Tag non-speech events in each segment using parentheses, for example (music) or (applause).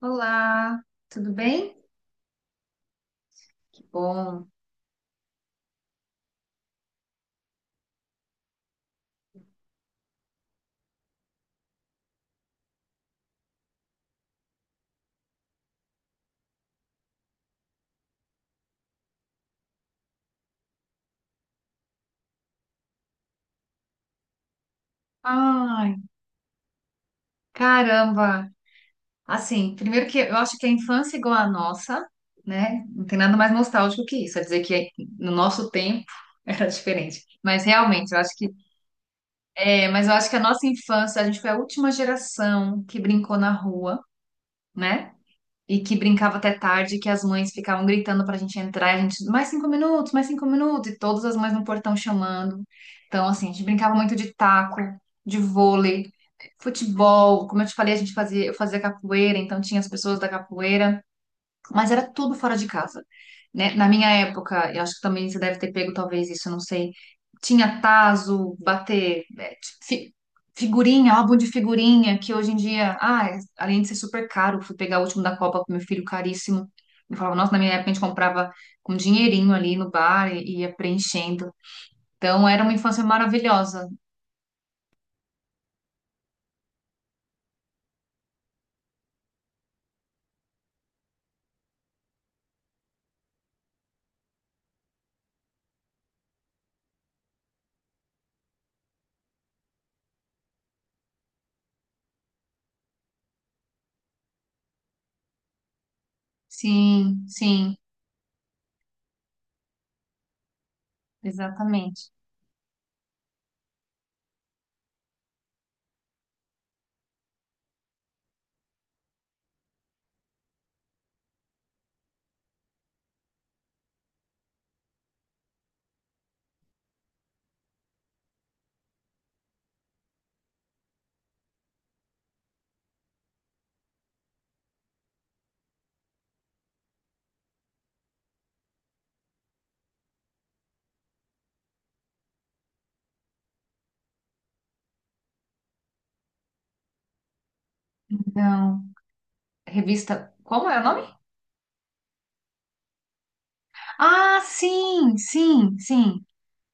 Olá, tudo bem? Que bom. Ai, caramba. Assim, primeiro que eu acho que a infância é igual à nossa, né? Não tem nada mais nostálgico que isso. É dizer que no nosso tempo (laughs) era diferente. Mas realmente, eu acho que é, mas eu acho que a nossa infância, a gente foi a última geração que brincou na rua, né? E que brincava até tarde, que as mães ficavam gritando pra gente entrar, e a gente, mais cinco minutos, e todas as mães no portão chamando. Então, assim, a gente brincava muito de taco, de vôlei, futebol. Como eu te falei, a gente fazia, eu fazia capoeira, então tinha as pessoas da capoeira. Mas era tudo fora de casa, né? Na minha época, eu acho que também você deve ter pego talvez isso, eu não sei. Tinha tazo, bater, figurinha, álbum de figurinha, que hoje em dia, ah, é- além de ser super caro, fui pegar o último da Copa com meu filho, caríssimo. Eu falava, nossa, na minha época a gente comprava com dinheirinho ali no bar e ia preenchendo. Então era uma infância maravilhosa. Sim, sim, exatamente. Então, revista, como é o nome? Ah, sim, sim, sim.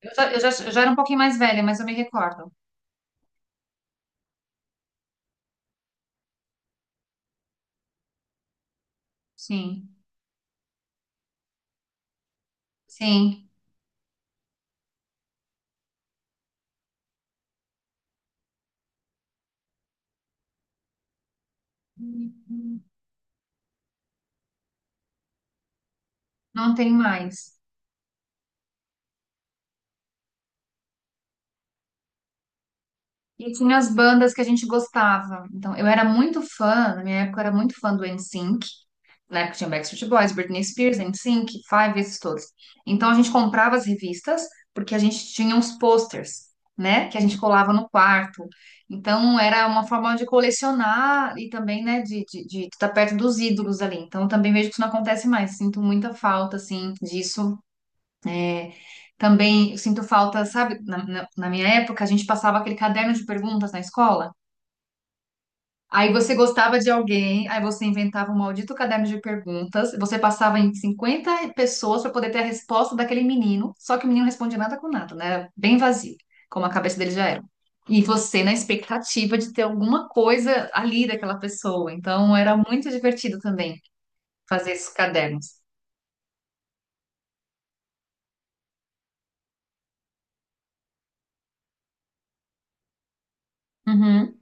Eu já era um pouquinho mais velha, mas eu me recordo. Sim, sim. Não tem mais. E tinha as bandas que a gente gostava. Então, eu era muito fã, na minha época eu era muito fã do NSYNC. Na época tinha Backstreet Boys, Britney Spears, NSYNC, Five, esses todos. Então, a gente comprava as revistas porque a gente tinha uns posters, né? Que a gente colava no quarto. Então, era uma forma de colecionar e também, né, de estar perto dos ídolos ali. Então, eu também vejo que isso não acontece mais. Sinto muita falta, assim, disso. é, Também eu sinto falta, sabe? Na minha época, a gente passava aquele caderno de perguntas na escola. Aí você gostava de alguém, aí você inventava um maldito caderno de perguntas, você passava em 50 pessoas para poder ter a resposta daquele menino, só que o menino não respondia nada com nada, né? Era bem vazio, como a cabeça dele já era. E você na expectativa de ter alguma coisa ali daquela pessoa. Então era muito divertido também fazer esses cadernos. Uhum,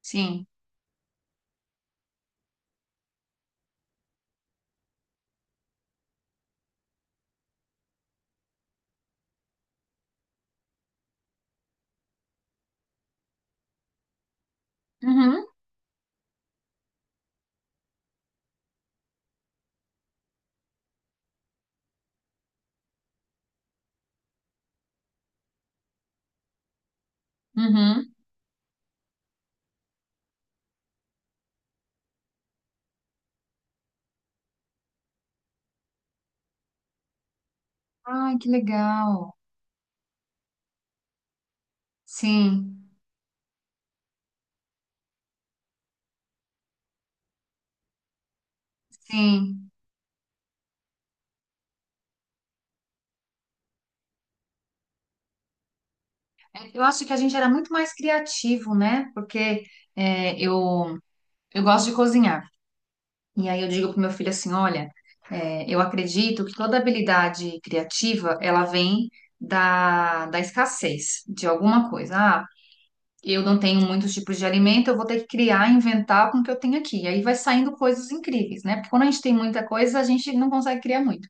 sim. Uhum, uhum. Ai, que legal. Sim. Sim, eu acho que a gente era muito mais criativo, né? Porque é, eu, eu gosto de cozinhar. E aí eu digo pro meu filho assim, olha, eu acredito que toda habilidade criativa, ela vem da escassez de alguma coisa. Ah, eu não tenho muitos tipos de alimento, eu vou ter que criar, inventar com o que eu tenho aqui. E aí vai saindo coisas incríveis, né? Porque quando a gente tem muita coisa, a gente não consegue criar muito.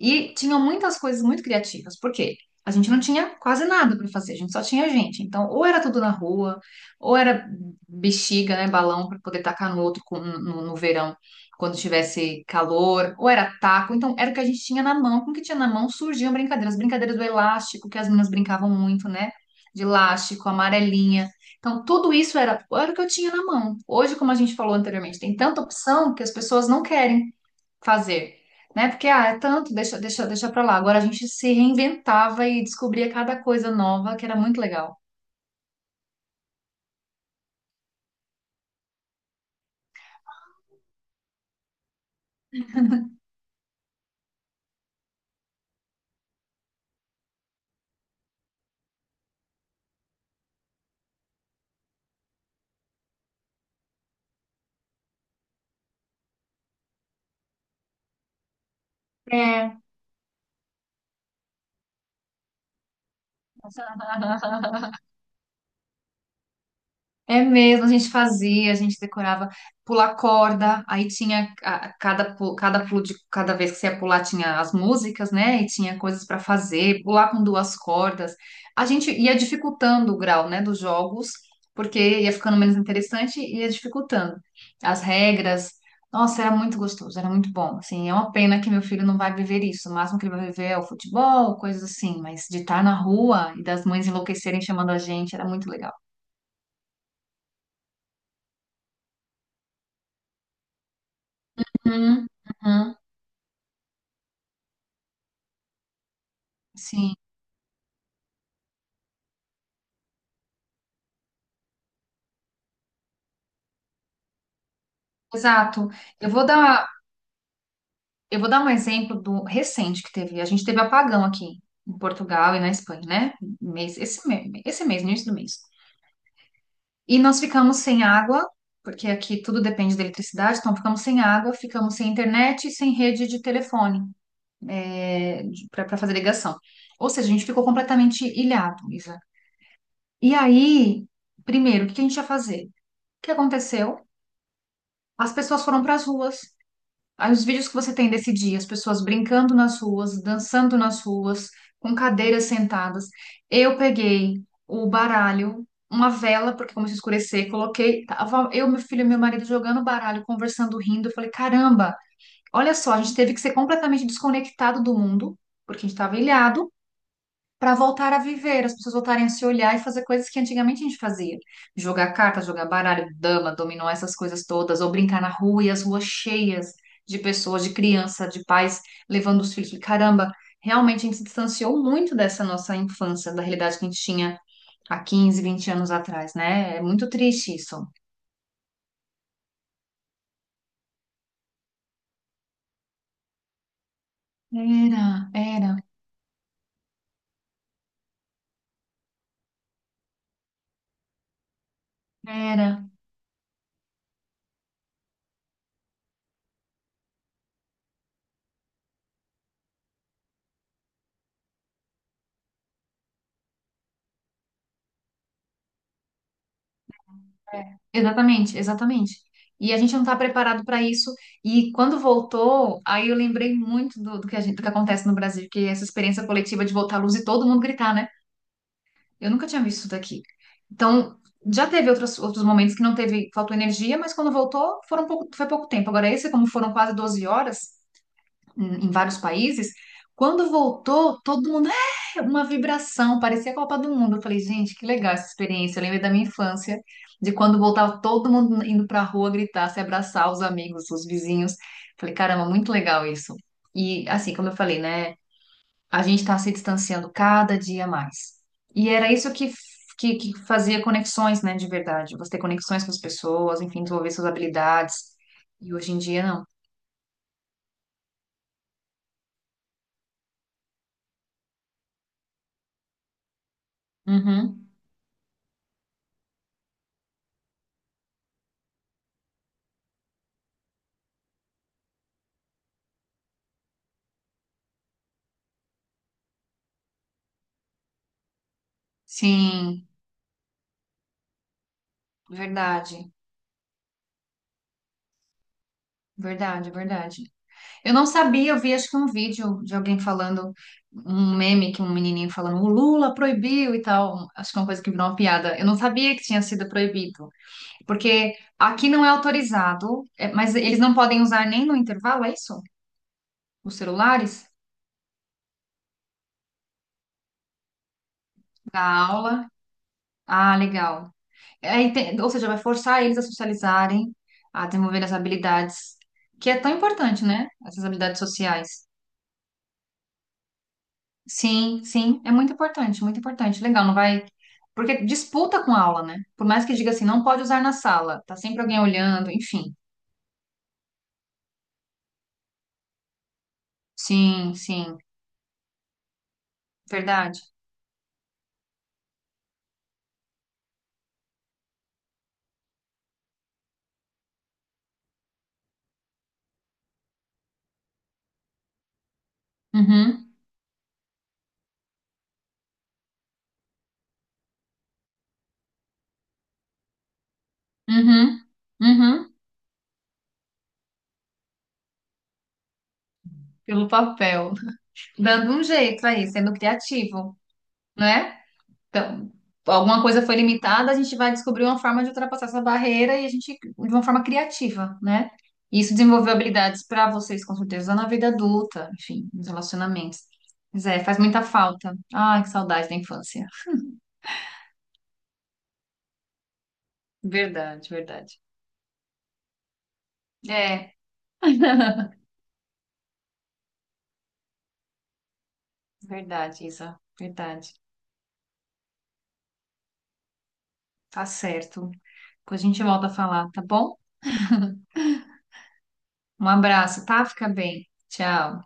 E tinham muitas coisas muito criativas, porque a gente não tinha quase nada para fazer, a gente só tinha gente. Então, ou era tudo na rua, ou era bexiga, né, balão para poder tacar no outro no verão, quando tivesse calor, ou era taco. Então, era o que a gente tinha na mão. Com o que tinha na mão surgiam brincadeiras, brincadeiras do elástico, que as meninas brincavam muito, né? De elástico, amarelinha. Então, tudo isso era, era o que eu tinha na mão. Hoje, como a gente falou anteriormente, tem tanta opção que as pessoas não querem fazer, né? Porque, ah, é tanto, deixa, deixa, deixa pra lá. Agora a gente se reinventava e descobria cada coisa nova, que era muito legal. É, (laughs) é mesmo, a gente fazia, a gente decorava, pular corda, aí tinha a cada pulo de cada vez que você ia pular tinha as músicas, né? E tinha coisas para fazer, pular com duas cordas. A gente ia dificultando o grau, né, dos jogos, porque ia ficando menos interessante e ia dificultando as regras. Nossa, era muito gostoso, era muito bom. Assim, é uma pena que meu filho não vai viver isso. O máximo que ele vai viver é o futebol, coisas assim, mas de estar na rua e das mães enlouquecerem chamando a gente, era muito legal. Uhum. Uhum. Sim, exato. Eu vou dar, eu vou dar um exemplo do recente que teve. A gente teve apagão aqui em Portugal e na Espanha, né? Esse mês, no início do mês. E nós ficamos sem água, porque aqui tudo depende da eletricidade, então ficamos sem água, ficamos sem internet e sem rede de telefone para fazer ligação. Ou seja, a gente ficou completamente ilhado, Isa. E aí, primeiro, o que a gente ia fazer? O que aconteceu? As pessoas foram para as ruas. Os vídeos que você tem desse dia, as pessoas brincando nas ruas, dançando nas ruas, com cadeiras sentadas. Eu peguei o baralho, uma vela, porque começou a escurecer, coloquei, tava eu, meu filho e meu marido jogando baralho, conversando, rindo. Eu falei, caramba, olha só, a gente teve que ser completamente desconectado do mundo, porque a gente estava ilhado, para voltar a viver, as pessoas voltarem a se olhar e fazer coisas que antigamente a gente fazia. Jogar carta, jogar baralho, dama, dominó, essas coisas todas, ou brincar na rua e as ruas cheias de pessoas, de criança, de pais levando os filhos. Caramba, realmente a gente se distanciou muito dessa nossa infância, da realidade que a gente tinha há 15, 20 anos atrás, né? É muito triste isso. Era, era, Era. É, exatamente, exatamente. E a gente não está preparado para isso. E quando voltou, aí eu lembrei muito do que a gente, do que acontece no Brasil, que é essa experiência coletiva de voltar à luz e todo mundo gritar, né? Eu nunca tinha visto isso daqui. Então, já teve outros, outros momentos que não teve, faltou energia, mas quando voltou, foram pouco, foi pouco tempo. Agora, esse, como foram quase 12 horas, em vários países. Quando voltou, todo mundo, é, uma vibração, parecia a Copa do Mundo. Eu falei, gente, que legal essa experiência. Eu lembrei da minha infância, de quando voltava todo mundo indo pra rua gritar, se abraçar, os amigos, os vizinhos. Falei, caramba, muito legal isso. E assim, como eu falei, né, a gente tá se distanciando cada dia mais. E era isso que fazia conexões, né, de verdade. Você ter conexões com as pessoas, enfim, desenvolver suas habilidades. E hoje em dia, não. Uhum. Sim. Verdade, verdade, verdade. Eu não sabia, eu vi acho que um vídeo de alguém falando, um meme que um menininho falando, o Lula proibiu e tal. Acho que é uma coisa que virou uma piada. Eu não sabia que tinha sido proibido, porque aqui não é autorizado, é, mas eles não podem usar nem no intervalo, é isso? Os celulares da aula. Ah, legal. Ou seja, vai forçar eles a socializarem, a desenvolver as habilidades, que é tão importante, né? Essas habilidades sociais. Sim, sim, é muito importante, muito importante. Legal, não vai. Porque disputa com a aula, né? Por mais que diga assim, não pode usar na sala, tá sempre alguém olhando, enfim. Sim, sim, verdade. Uhum, uhum, uhum, pelo papel. Dando um jeito aí, sendo criativo, né. Então, alguma coisa foi limitada, a gente vai descobrir uma forma de ultrapassar essa barreira e a gente, de uma forma criativa, né? E isso desenvolveu habilidades para vocês, com certeza, na vida adulta, enfim, nos relacionamentos. Mas é, faz muita falta. Ai, que saudade da infância. Verdade, verdade. É, (laughs) verdade, Isa, verdade. Tá certo. Depois a gente volta a falar, tá bom? Um abraço, tá? Fica bem. Tchau.